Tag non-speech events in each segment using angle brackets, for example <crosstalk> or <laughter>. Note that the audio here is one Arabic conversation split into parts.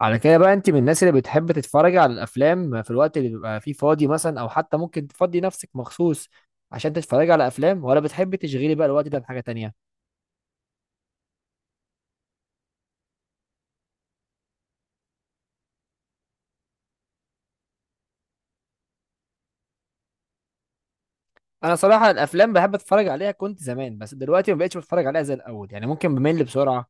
على كده بقى، انت من الناس اللي بتحب تتفرج على الافلام في الوقت اللي بيبقى فيه فاضي مثلا، او حتى ممكن تفضي نفسك مخصوص عشان تتفرج على افلام، ولا بتحب تشغلي بقى الوقت ده بحاجه تانية؟ انا صراحه الافلام بحب اتفرج عليها كنت زمان، بس دلوقتي ما بقتش بتفرج عليها زي الاول، يعني ممكن بمل بسرعه.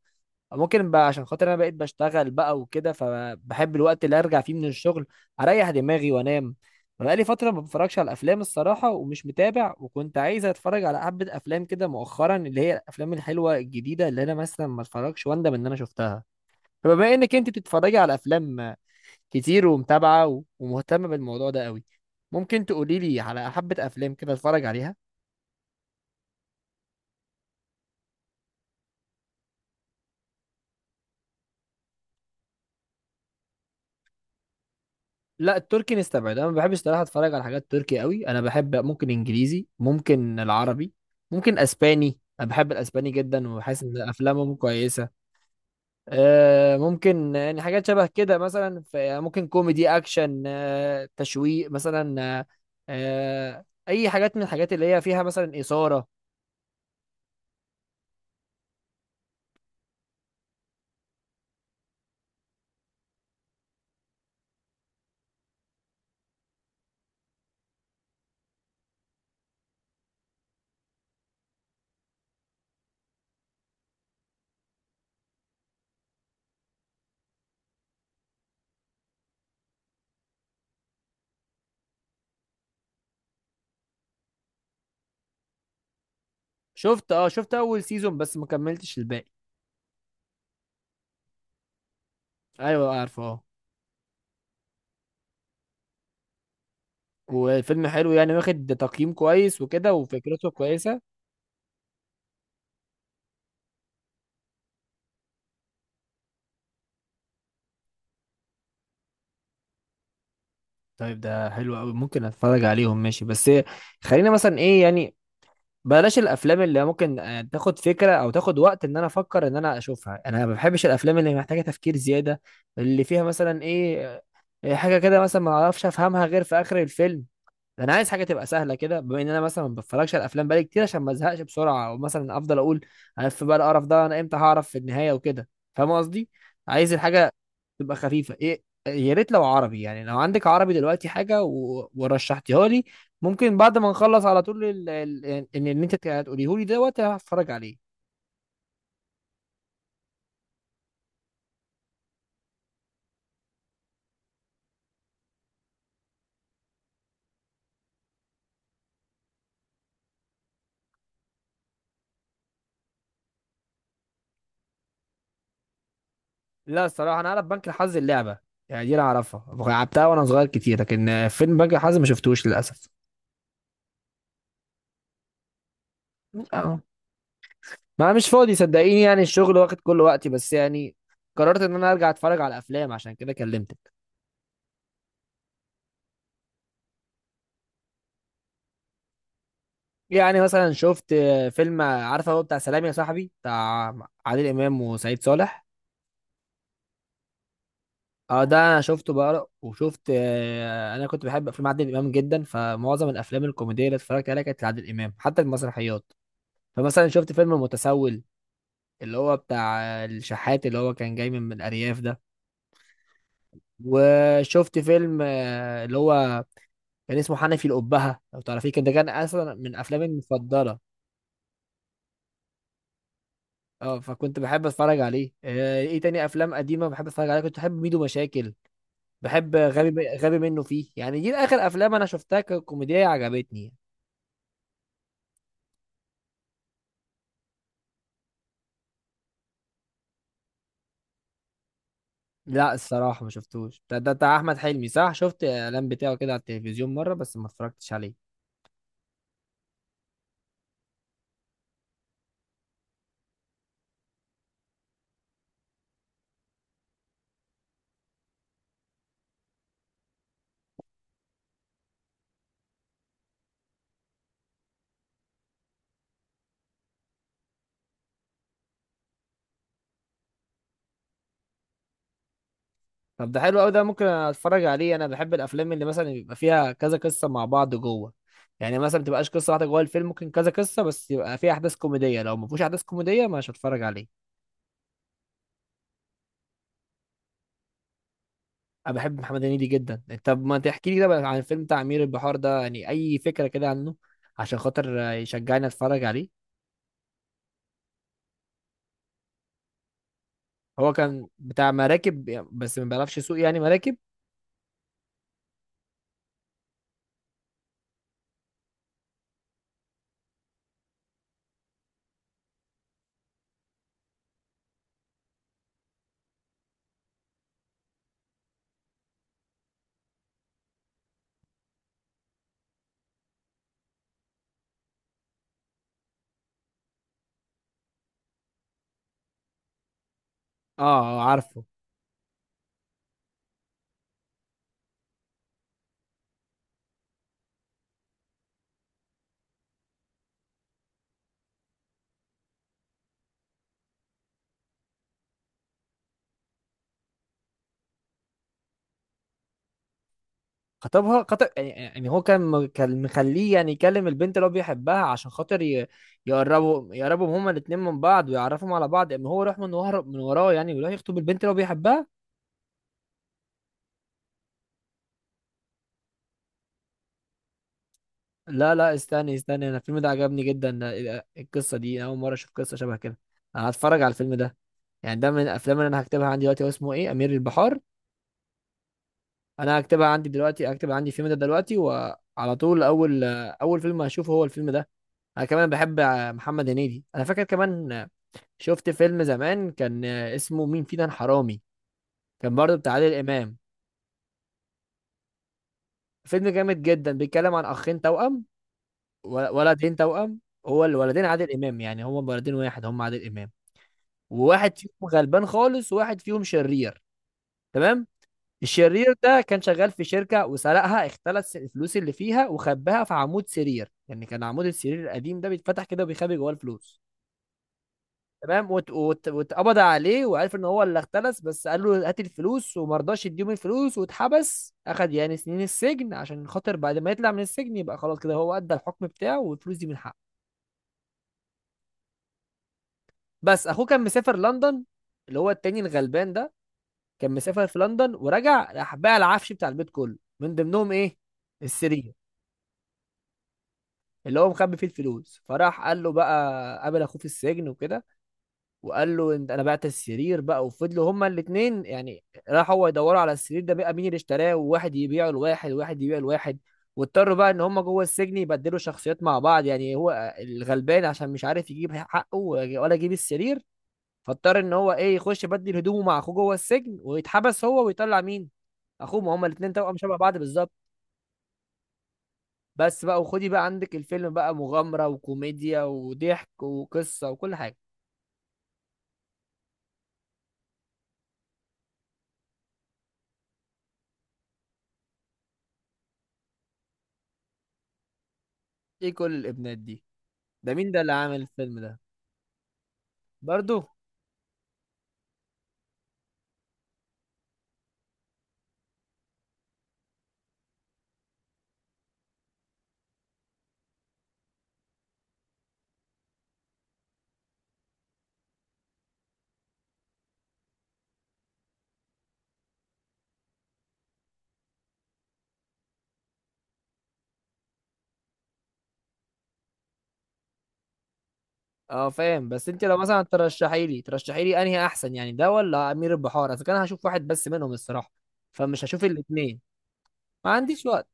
ممكن بقى عشان خاطر انا بقيت بشتغل بقى وكده، فبحب الوقت اللي ارجع فيه من الشغل اريح دماغي وانام. انا بقالي فتره ما بتفرجش على افلام الصراحه، ومش متابع، وكنت عايز اتفرج على حبه افلام كده مؤخرا، اللي هي الافلام الحلوه الجديده اللي انا مثلا ما اتفرجش واندم ان انا شفتها. فبما انك انت بتتفرجي على افلام كتير ومتابعه ومهتمه بالموضوع ده قوي، ممكن تقولي لي على حبه افلام كده اتفرج عليها؟ لا، التركي نستبعد، انا ما بحبش صراحه اتفرج على حاجات تركي قوي. انا بحب ممكن انجليزي، ممكن العربي، ممكن اسباني. انا بحب الاسباني جدا وحاسس ان افلامهم كويسه. ممكن يعني حاجات شبه كده، مثلا يعني ممكن كوميدي، اكشن، تشويق مثلا، اي حاجات من الحاجات اللي هي فيها مثلا اثاره. شفت اول سيزون، بس ما كملتش الباقي. ايوه عارفه، اه. والفيلم حلو يعني، واخد تقييم كويس وكده، وفكرته كويسه. طيب، ده حلو قوي، ممكن اتفرج عليهم، ماشي. بس خلينا مثلا ايه يعني، بلاش الافلام اللي ممكن تاخد فكره او تاخد وقت ان انا افكر ان انا اشوفها. انا ما بحبش الافلام اللي محتاجه تفكير زياده، اللي فيها مثلا ايه، حاجه كده مثلا ما اعرفش افهمها غير في اخر الفيلم. انا عايز حاجه تبقى سهله كده، بما ان انا مثلا ما بتفرجش على الافلام بقالي كتير، عشان ما ازهقش بسرعه، او مثلا افضل اقول انا في بقى القرف ده، انا امتى هعرف في النهايه وكده. فاهم قصدي؟ عايز الحاجه تبقى خفيفه. ايه، يا ريت لو عربي، يعني لو عندك عربي دلوقتي حاجه ورشحتيها لي، ممكن بعد ما نخلص على طول ال... ال... ان ان إن انت هتقوليه لي دوت هتفرج عليه. لا الصراحه، انا اعرف بنك الحظ اللعبه، يعني دي انا اعرفها لعبتها وانا صغير كتير، لكن فيلم بنك الحظ ما شفتوش للاسف. ما مش فاضي صدقيني، يعني الشغل واخد كل وقتي، بس يعني قررت ان انا ارجع اتفرج على افلام، عشان كده كلمتك. يعني مثلا شفت فيلم عارفه، هو بتاع سلام يا صاحبي، بتاع عادل امام وسعيد صالح. اه، ده انا شفته بقى، وشفت انا كنت بحب افلام عادل امام جدا، فمعظم الافلام الكوميديه اللي اتفرجت عليها كانت لعادل امام، حتى المسرحيات. فمثلا شفت فيلم المتسول، اللي هو بتاع الشحات اللي هو كان جاي من الارياف ده. وشفت فيلم اللي هو كان اسمه حنفي الأبهة، لو تعرفيه، كان ده كان أصلا من أفلامي المفضلة. اه، فكنت بحب أتفرج عليه. إيه تاني أفلام قديمة بحب أتفرج عليها، كنت بحب ميدو مشاكل، بحب غبي غبي منه فيه، يعني دي آخر أفلام أنا شفتها ككوميدية عجبتني. لا الصراحة ما شفتوش ده بتاع أحمد حلمي صح، شفت الإعلان بتاعه كده على التلفزيون مرة، بس ما اتفرجتش عليه. طب ده حلو قوي، ده ممكن اتفرج عليه. انا بحب الافلام اللي مثلا بيبقى فيها كذا قصه مع بعض جوه، يعني مثلا ما تبقاش قصه واحده جوه الفيلم، ممكن كذا قصه بس يبقى فيها احداث كوميديه. لو ما فيهوش احداث كوميديه مش هتفرج عليه. انا بحب محمد هنيدي جدا. طب ما تحكي لي كده بقى عن الفيلم بتاع امير البحار ده، يعني اي فكره كده عنه، عشان خاطر يشجعني اتفرج عليه. هو كان بتاع مراكب، بس ما بيعرفش يسوق يعني مراكب. اه، عارفه. خطب يعني هو كان كان مخليه يعني يكلم البنت اللي هو بيحبها عشان خاطر يقربوا هما الاتنين من بعض ويعرفهم على بعض، اما هو يروح من وراه يعني، ويروح يخطب البنت اللي هو بيحبها. لا لا، استني استني، انا الفيلم ده عجبني جدا. إيه ده؟ القصة دي اول مرة اشوف قصة شبه كده. انا هتفرج على الفيلم ده، يعني ده من الافلام اللي انا هكتبها عندي دلوقتي. هو اسمه ايه، امير البحار؟ انا هكتبها عندي دلوقتي، هكتب عندي الفيلم ده دلوقتي، وعلى طول اول اول فيلم هشوفه هو الفيلم ده. انا كمان بحب محمد هنيدي. انا فاكر كمان شفت فيلم زمان كان اسمه مين فينا الحرامي، كان برضه بتاع عادل امام. فيلم جامد جدا، بيتكلم عن اخين توأم، ولدين توأم. هو الولدين عادل امام، يعني هما ولدين واحد، هما عادل امام. وواحد فيهم غلبان خالص، وواحد فيهم شرير. تمام. الشرير ده كان شغال في شركة وسرقها، اختلس الفلوس اللي فيها وخباها في عمود سرير. يعني كان عمود السرير القديم ده بيتفتح كده وبيخبي جواه الفلوس. تمام، واتقبض عليه وعرف ان هو اللي اختلس. بس قال له هات الفلوس، وما رضاش يديهم الفلوس، واتحبس، اخد يعني سنين السجن، عشان خاطر بعد ما يطلع من السجن يبقى خلاص كده، هو ادى الحكم بتاعه والفلوس دي من حقه. بس اخوه كان مسافر لندن، اللي هو التاني الغلبان ده، كان مسافر في لندن. ورجع، راح باع العفش بتاع البيت كله، من ضمنهم ايه، السرير اللي هو مخبي فيه الفلوس. فراح قال له بقى، قابل اخوه في السجن وكده وقال له انت انا بعت السرير بقى. وفضلوا هما الاثنين يعني، راح هو يدوروا على السرير ده بقى، مين اللي اشتراه، وواحد يبيعه لواحد، وواحد يبيعه لواحد. واضطروا بقى ان هما جوه السجن يبدلوا شخصيات مع بعض، يعني هو الغلبان عشان مش عارف يجيب حقه ولا يجيب السرير، فاضطر ان هو ايه، يخش يبدل هدومه مع اخوه جوه السجن ويتحبس هو ويطلع مين، اخوه، ما هما الاثنين توأم شبه بعض بالظبط. بس بقى وخدي بقى عندك، الفيلم بقى مغامرة وكوميديا وضحك وقصة وكل حاجة. ايه كل الابنات دي؟ ده مين ده اللي عامل الفيلم ده؟ برضو؟ اه فاهم. بس انت لو مثلا ترشحي لي انهي احسن، يعني ده ولا امير البحار، اذا كان هشوف واحد بس منهم الصراحه، فمش هشوف الاثنين. ما عنديش وقت،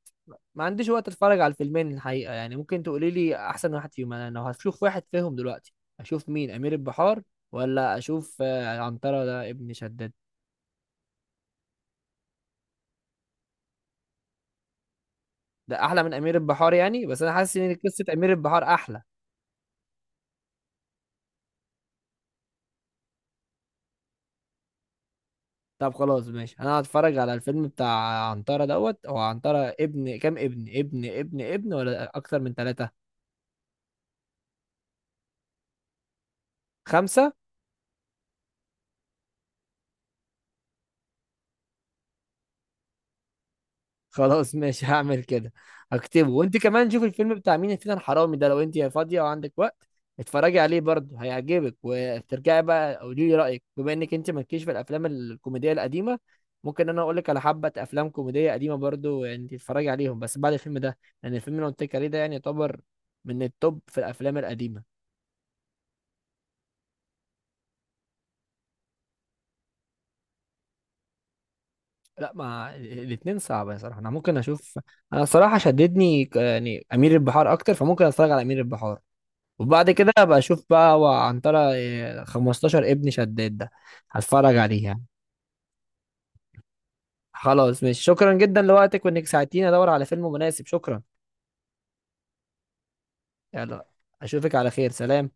ما عنديش وقت اتفرج على الفيلمين الحقيقه يعني. ممكن تقولي لي احسن واحد فيهم؟ انا لو هشوف واحد فيهم دلوقتي، اشوف مين، امير البحار، ولا اشوف عنترة ده ابن شداد؟ ده احلى من امير البحار يعني؟ بس انا حاسس ان قصه امير البحار احلى. طب خلاص ماشي، انا هتفرج على الفيلم بتاع عنترة دوت. هو عنترة ابن كام، ابن ابن ابن ابن، ولا اكتر من ثلاثة؟ خمسة؟ خلاص ماشي <laughs> هعمل كده، هكتبه. وانت كمان شوف الفيلم بتاع مين فينا الحرامي ده، لو انت فاضية وعندك وقت، اتفرجي عليه برضه، هيعجبك، وترجعي بقى قولي لي رأيك، بما انك انت مالكيش في الافلام الكوميدية القديمة. ممكن انا اقول لك على حبة افلام كوميدية قديمة برضه، انت تتفرجي عليهم، بس بعد الفيلم ده، لان الفيلم اللي أنا قلت لك عليه ده يعني يعتبر من التوب في الافلام القديمة. لا، ما الاثنين صعبة صراحة. انا ممكن اشوف، انا صراحة شددني يعني امير البحار اكتر، فممكن اتفرج على امير البحار، وبعد كده ابقى اشوف بقى. وعنترة 15 ابن شداد ده هتفرج عليه يعني. خلاص ماشي، شكرا جدا لوقتك، وانك ساعدتيني ادور على فيلم مناسب. شكرا. يلا، اشوفك على خير، سلام.